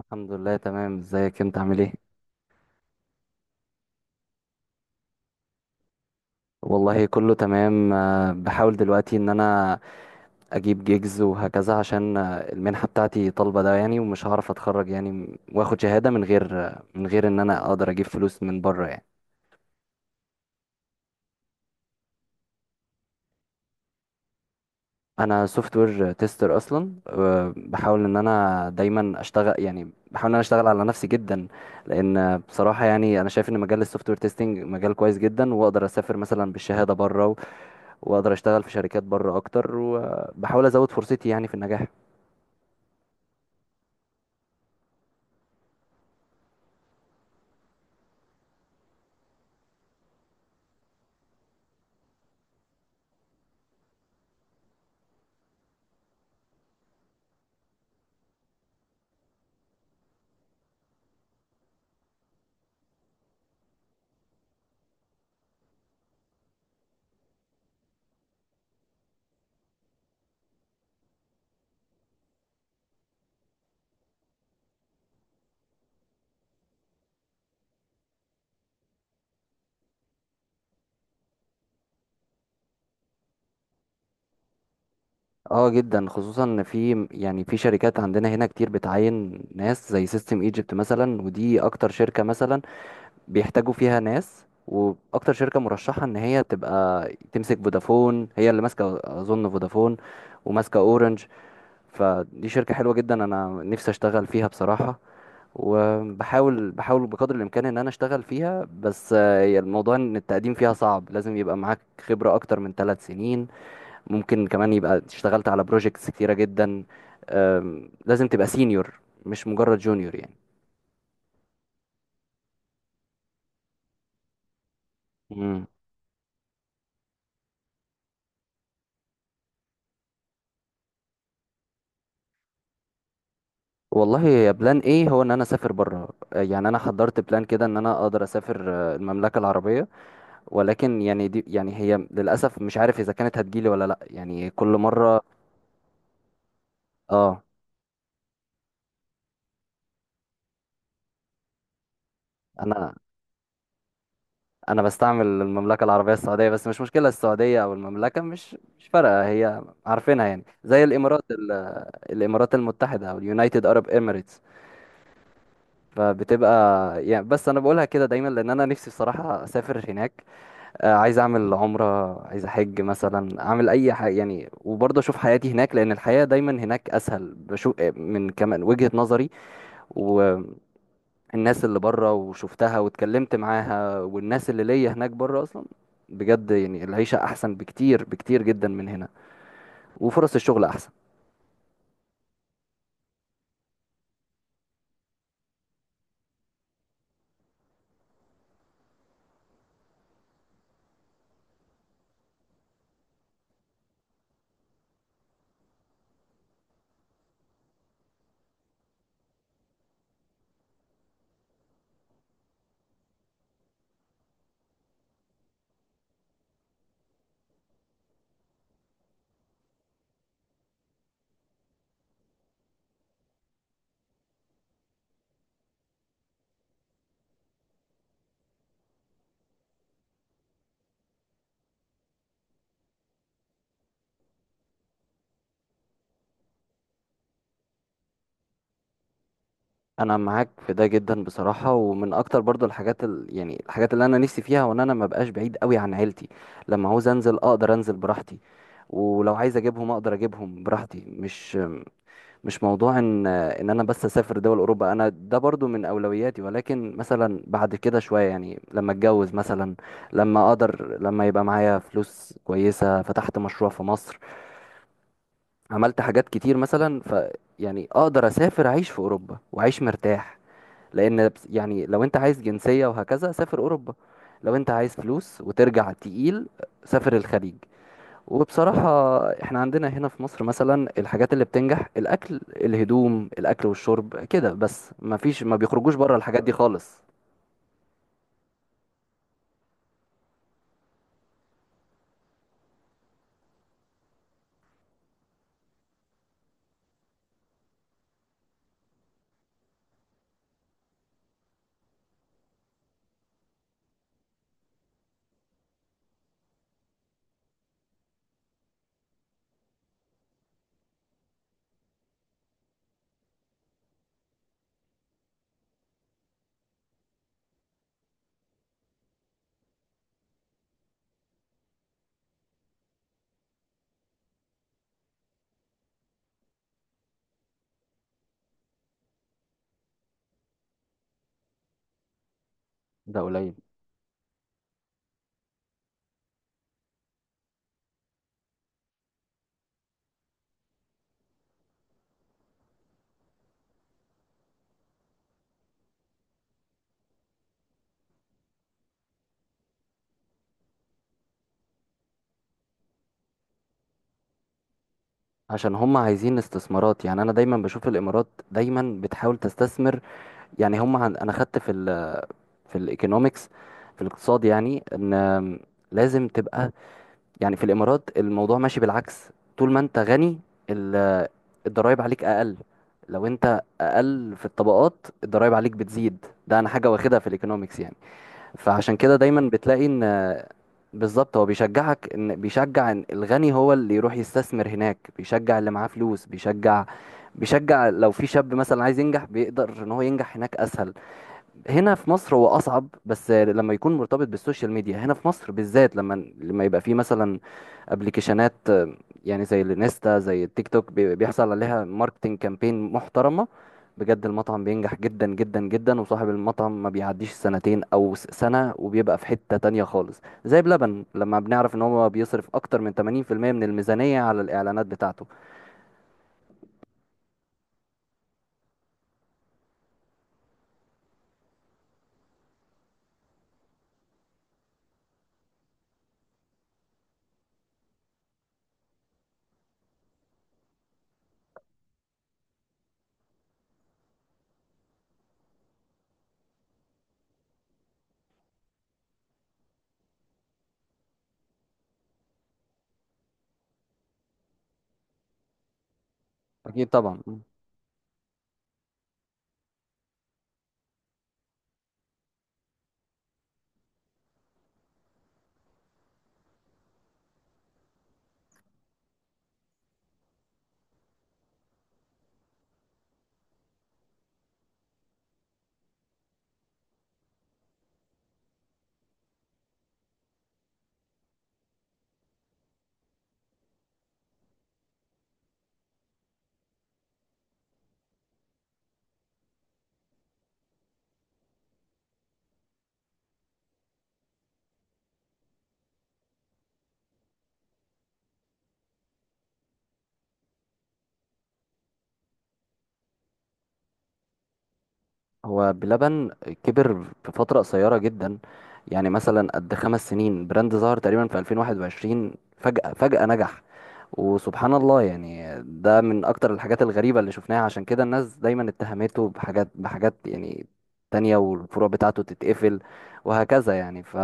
الحمد لله تمام ازيك انت عامل ايه والله كله تمام بحاول دلوقتي ان انا اجيب جيجز وهكذا عشان المنحة بتاعتي طالبة ده يعني ومش هعرف اتخرج يعني واخد شهادة من غير من غير ان انا اقدر اجيب فلوس من بره يعني. انا سوفت وير تيستر اصلا، بحاول ان انا دايما اشتغل، يعني بحاول ان انا اشتغل على نفسي جدا لان بصراحة يعني انا شايف ان مجال السوفت وير تيستنج مجال كويس جدا، واقدر اسافر مثلا بالشهادة بره واقدر اشتغل في شركات بره اكتر، وبحاول ازود فرصتي يعني في النجاح. اه جدا، خصوصا ان في يعني في شركات عندنا هنا كتير بتعين ناس زي سيستم ايجيبت مثلا، ودي اكتر شركة مثلا بيحتاجوا فيها ناس، واكتر شركة مرشحة ان هي تبقى تمسك فودافون، هي اللي ماسكة اظن فودافون وماسكة اورنج. فدي شركة حلوة جدا انا نفسي اشتغل فيها بصراحة، وبحاول بقدر الامكان ان انا اشتغل فيها، بس هي الموضوع ان التقديم فيها صعب، لازم يبقى معاك خبرة اكتر من 3 سنين، ممكن كمان يبقى اشتغلت على بروجيكتس كتيرة جدا. لازم تبقى سينيور، مش مجرد جونيور يعني. مم. والله يا بلان ايه، هو ان انا اسافر بره يعني انا حضرت بلان كده ان انا اقدر اسافر المملكه العربيه، ولكن يعني دي يعني هي للاسف مش عارف اذا كانت هتجيلي ولا لا يعني كل مره. اه، انا انا بستعمل المملكه العربيه السعوديه، بس مش مشكله، السعوديه او المملكه مش فارقه، هي عارفينها يعني زي الامارات الامارات المتحده، او اليونايتد ارب اميريتس. فبتبقى يعني، بس انا بقولها كده دايما لان انا نفسي بصراحه اسافر هناك. عايز اعمل عمره، عايز احج مثلا، اعمل اي حاجه يعني، وبرضه اشوف حياتي هناك لان الحياه دايما هناك اسهل، بشوف من كمان وجهه نظري الناس اللي بره وشفتها واتكلمت معاها، والناس اللي ليا هناك بره اصلا، بجد يعني العيشة احسن بكتير بكتير جدا من هنا، وفرص الشغل احسن. انا معاك في ده جدا بصراحة، ومن اكتر برضو يعني الحاجات اللي انا نفسي فيها، وان انا ما بقاش بعيد قوي عن عيلتي. لما عاوز انزل اقدر انزل براحتي، ولو عايز اجيبهم اقدر اجيبهم براحتي. مش موضوع ان انا بس اسافر دول اوروبا، انا ده برضو من اولوياتي، ولكن مثلا بعد كده شويه يعني لما اتجوز مثلا، لما اقدر، لما يبقى معايا فلوس كويسه، فتحت مشروع في مصر، عملت حاجات كتير مثلا، ف يعني اقدر اسافر اعيش في اوروبا واعيش مرتاح. لان يعني لو انت عايز جنسيه وهكذا سافر اوروبا، لو انت عايز فلوس وترجع تقيل سافر الخليج. وبصراحة احنا عندنا هنا في مصر مثلا الحاجات اللي بتنجح الأكل الهدوم، الأكل والشرب كده بس، ما فيش، ما بيخرجوش بره الحاجات دي خالص. ده قليل. عشان هم عايزين استثمارات يعني، انا دايما بشوف الامارات دايما بتحاول تستثمر، يعني هم انا خدت في في الايكونومكس، في الاقتصاد يعني ان لازم تبقى، يعني في الامارات الموضوع ماشي بالعكس، طول ما انت غني ال... الضرايب عليك اقل، لو انت اقل في الطبقات الضرايب عليك بتزيد، ده انا حاجه واخدها في الايكونومكس يعني، فعشان كده دايما بتلاقي ان، بالظبط هو بيشجعك ان، بيشجع ان الغني هو اللي يروح يستثمر هناك، بيشجع اللي معاه فلوس، بيشجع لو في شاب مثلا عايز ينجح بيقدر ان هو ينجح هناك اسهل. هنا في مصر هو اصعب، بس لما يكون مرتبط بالسوشيال ميديا هنا في مصر بالذات، لما يبقى في مثلا ابلكيشنات يعني زي الانستا زي التيك توك بيحصل عليها ماركتنج كامبين محترمه، بجد المطعم بينجح جدا جدا جدا، وصاحب المطعم ما بيعديش سنتين او سنه وبيبقى في حته تانية خالص زي بلبن، لما بنعرف ان هو بيصرف اكتر من 80% من الميزانيه على الاعلانات بتاعته. اكيد طبعا. هو بلبن كبر في فترة قصيرة جدا، يعني مثلا قد 5 سنين براند ظهر تقريبا في 2021، فجأة نجح، وسبحان الله يعني ده من أكتر الحاجات الغريبة اللي شفناها، عشان كده الناس دايما اتهمته بحاجات يعني تانية، والفروع بتاعته تتقفل وهكذا يعني، ف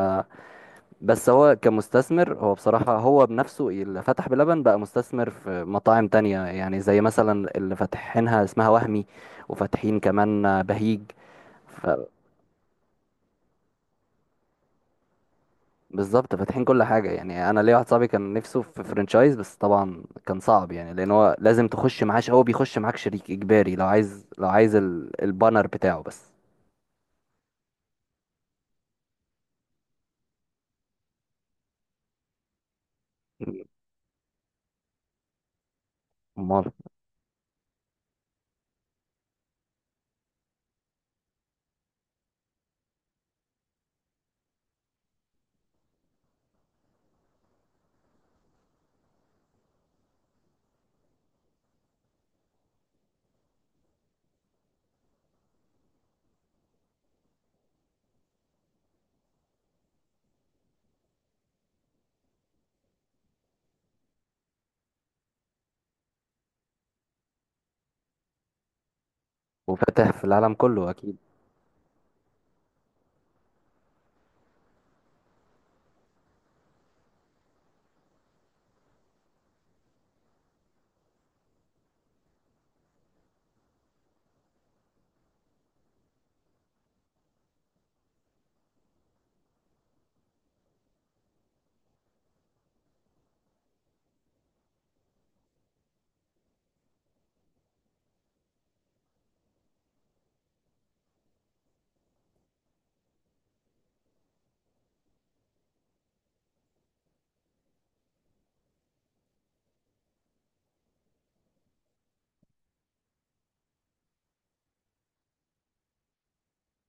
بس هو كمستثمر، هو بصراحة هو بنفسه اللي فتح بلبن بقى مستثمر في مطاعم تانية، يعني زي مثلا اللي فاتحينها اسمها وهمي، وفاتحين كمان بهيج، ف- بالظبط، فاتحين كل حاجة يعني. أنا ليا واحد صاحبي كان نفسه في فرنشايز، بس طبعا كان صعب يعني، لأن هو لازم تخش معاه هو بيخش معاك شريك إجباري لو عايز، البانر بتاعه بس. أمال. وفاتح في العالم كله أكيد.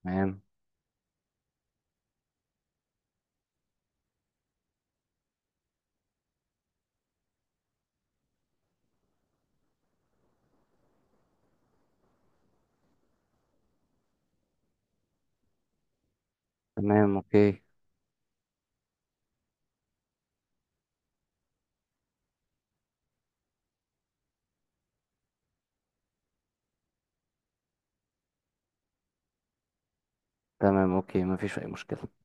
تمام. تمام أوكي. تمام أوكي، مفيش أي مشكلة.